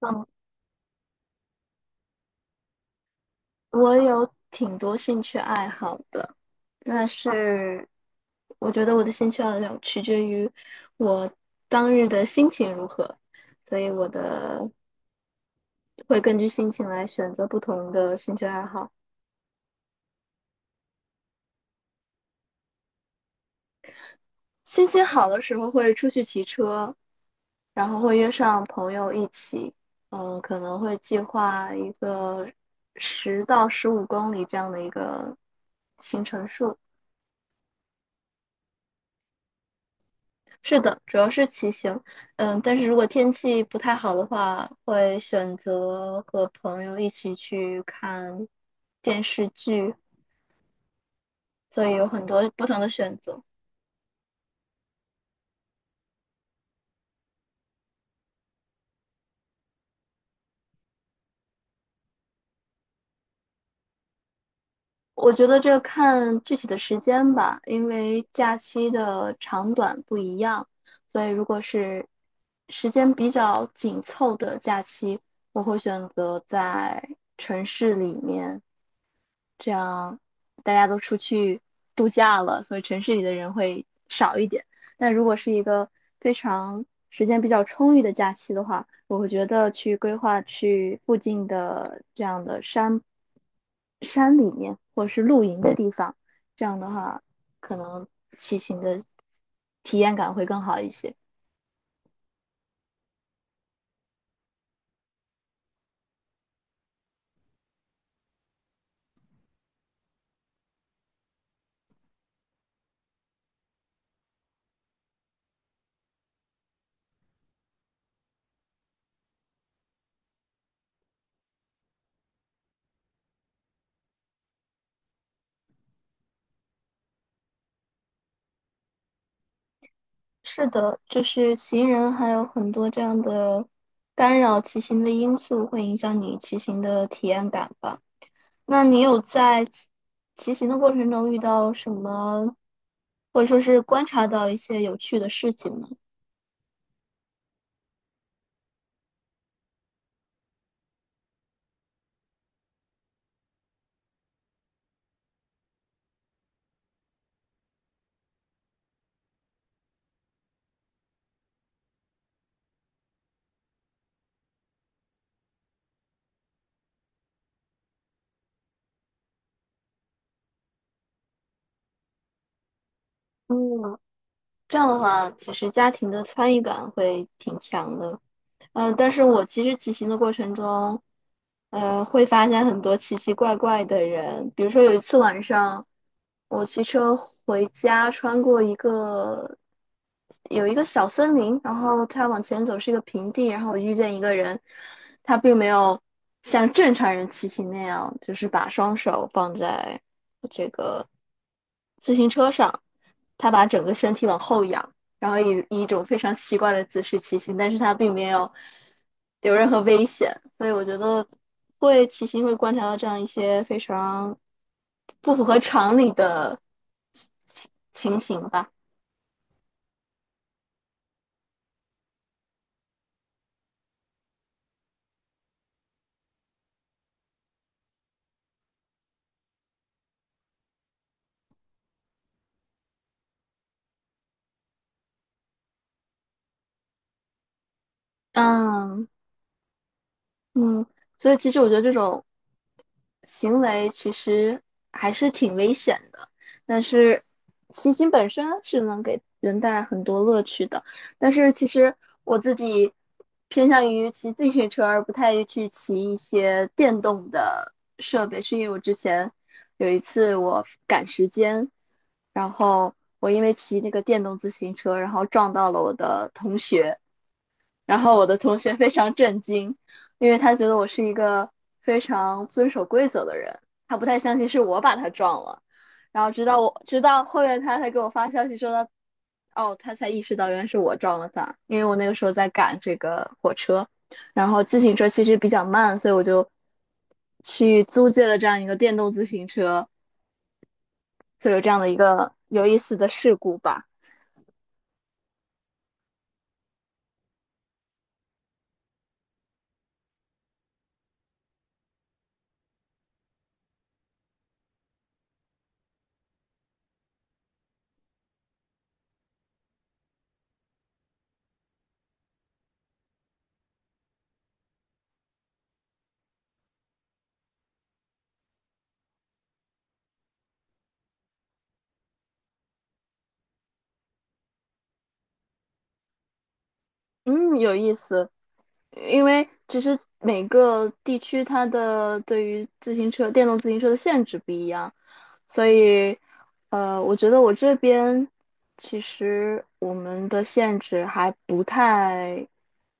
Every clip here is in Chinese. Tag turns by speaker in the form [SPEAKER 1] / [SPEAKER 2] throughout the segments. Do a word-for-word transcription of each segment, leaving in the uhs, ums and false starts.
[SPEAKER 1] 嗯，我有挺多兴趣爱好的，但是我觉得我的兴趣爱好取决于我当日的心情如何，所以我的会根据心情来选择不同的兴趣爱好。心情好的时候会出去骑车，然后会约上朋友一起，嗯，可能会计划一个十到十五公里这样的一个行程数。是的，主要是骑行。嗯，但是如果天气不太好的话，会选择和朋友一起去看电视剧，所以有很多不同的选择。我觉得这看具体的时间吧，因为假期的长短不一样，所以如果是时间比较紧凑的假期，我会选择在城市里面这样大家都出去度假了，所以城市里的人会少一点。但如果是一个非常时间比较充裕的假期的话，我会觉得去规划去附近的这样的山山里面，或者是露营的地方，这样的话，可能骑行的体验感会更好一些。是的，就是行人还有很多这样的干扰骑行的因素，会影响你骑行的体验感吧。那你有在骑骑行的过程中遇到什么，或者说是观察到一些有趣的事情吗？嗯，这样的话，其实家庭的参与感会挺强的。呃，但是我其实骑行的过程中，呃，会发现很多奇奇怪怪的人。比如说有一次晚上，我骑车回家，穿过一个有一个小森林，然后它往前走是一个平地，然后我遇见一个人，他并没有像正常人骑行那样，就是把双手放在自行车上，他把整个身体往后仰，然后以以一种非常奇怪的姿势骑行，但是他并没有有任何危险，所以我觉得会骑行会观察到这样一些非常不符合常理的情情情形吧。嗯嗯，所以其实我觉得这种行为其实还是挺危险的，但是骑行本身是能给人带来很多乐趣的。但是其实我自己偏向于骑自行车，而不太去骑一些电动的设备，是因为我之前有一次我赶时间，然后我因为骑那个电动自行车，然后撞到了我的同学，然后我的同学非常震惊，因为他觉得我是一个非常遵守规则的人，他不太相信是我把他撞了。然后直到我直到后面他才给我发消息说他，哦，他才意识到原来是我撞了他，因为我那个时候在赶这个火车，然后自行车其实比较慢，所以我就去租借了这样一个电动自行车，所以有这样的一个有意思的事故吧。嗯，有意思。因为其实每个地区它的对于自行车、电动自行车的限制不一样，所以，呃，我觉得我这边其实我们的限制还不太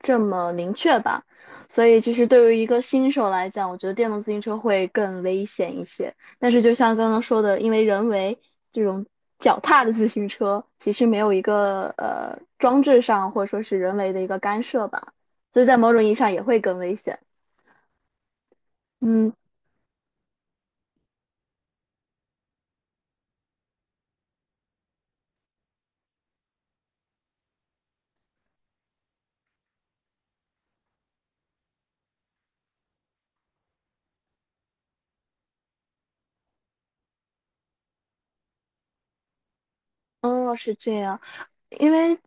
[SPEAKER 1] 这么明确吧，所以其实对于一个新手来讲，我觉得电动自行车会更危险一些。但是就像刚刚说的，因为人为这种脚踏的自行车其实没有一个呃装置上或者说是人为的一个干涉吧，所以在某种意义上也会更危险。嗯，哦，是这样。因为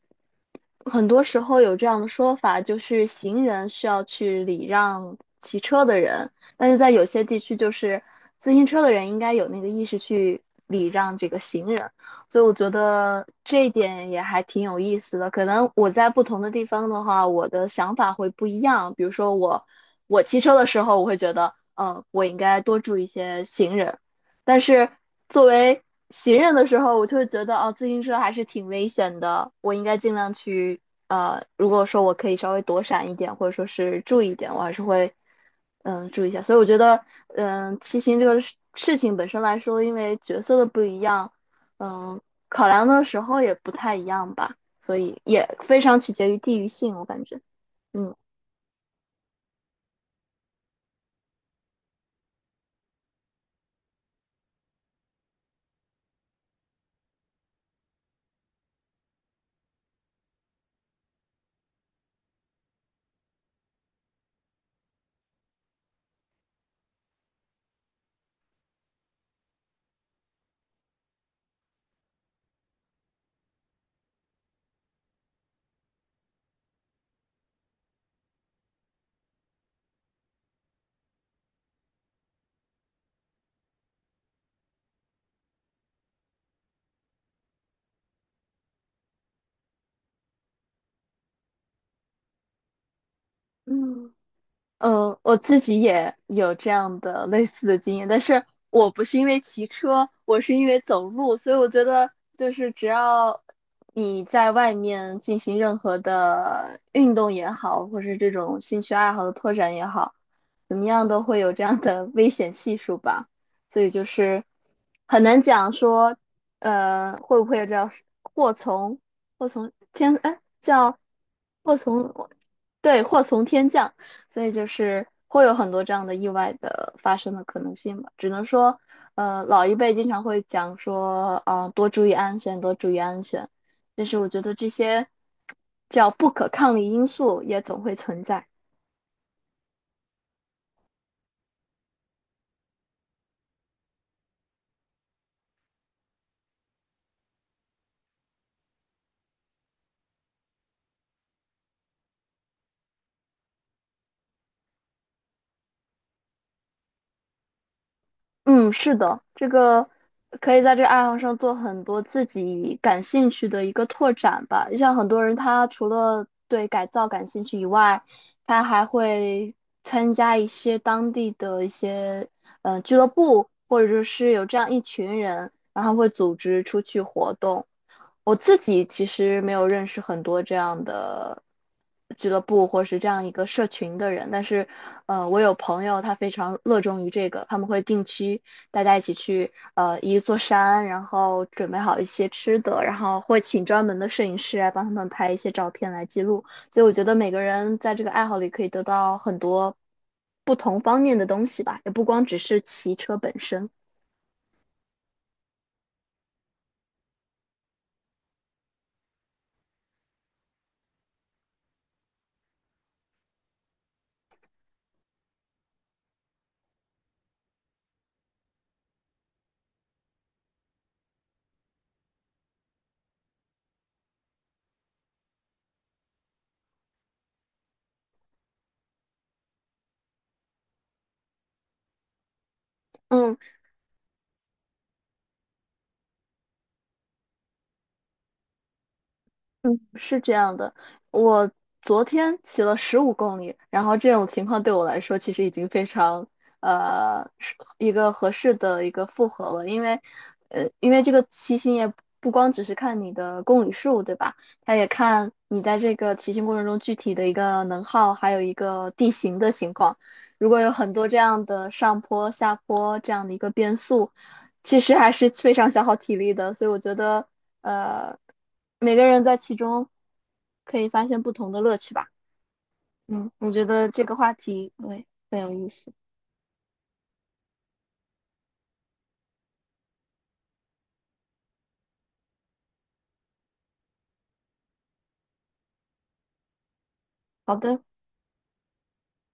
[SPEAKER 1] 很多时候有这样的说法，就是行人需要去礼让骑车的人，但是在有些地区，就是自行车的人应该有那个意识去礼让这个行人，所以我觉得这一点也还挺有意思的。可能我在不同的地方的话，我的想法会不一样。比如说我我骑车的时候，我会觉得，嗯，我应该多注意一些行人，但是作为行人的时候，我就会觉得哦，自行车还是挺危险的，我应该尽量去呃，如果说我可以稍微躲闪一点，或者说是注意一点，我还是会嗯注意一下。所以我觉得嗯，骑行这个事事情本身来说，因为角色的不一样，嗯，考量的时候也不太一样吧，所以也非常取决于地域性，我感觉，嗯。嗯。嗯，我自己也有这样的类似的经验，但是我不是因为骑车，我是因为走路，所以我觉得就是只要你在外面进行任何的运动也好，或是这种兴趣爱好的拓展也好，怎么样都会有这样的危险系数吧，所以就是很难讲说，呃，会不会叫祸从祸从天，哎，叫祸从，对，祸从天降。所以就是会有很多这样的意外的发生的可能性吧。只能说，呃，老一辈经常会讲说，啊、多注意安全，多注意安全。但是我觉得这些叫不可抗力因素也总会存在。嗯，是的，这个可以在这个爱好上做很多自己感兴趣的一个拓展吧。就像很多人，他除了对改造感兴趣以外，他还会参加一些当地的一些呃俱乐部，或者是有这样一群人，然后会组织出去活动。我自己其实没有认识很多这样的俱乐部或是这样一个社群的人，但是，呃，我有朋友他非常热衷于这个，他们会定期大家一起去，呃，一座山，然后准备好一些吃的，然后会请专门的摄影师来帮他们拍一些照片来记录。所以我觉得每个人在这个爱好里可以得到很多不同方面的东西吧，也不光只是骑车本身。嗯。嗯，是这样的，我昨天骑了十五公里，然后这种情况对我来说其实已经非常呃是一个合适的一个负荷了，因为呃因为这个骑行也不光只是看你的公里数，对吧？它也看你在这个骑行过程中具体的一个能耗，还有一个地形的情况。如果有很多这样的上坡、下坡这样的一个变速。其实还是非常消耗体力的，所以我觉得，呃，每个人在其中可以发现不同的乐趣吧。嗯，我觉得这个话题，对，很有意思。好的。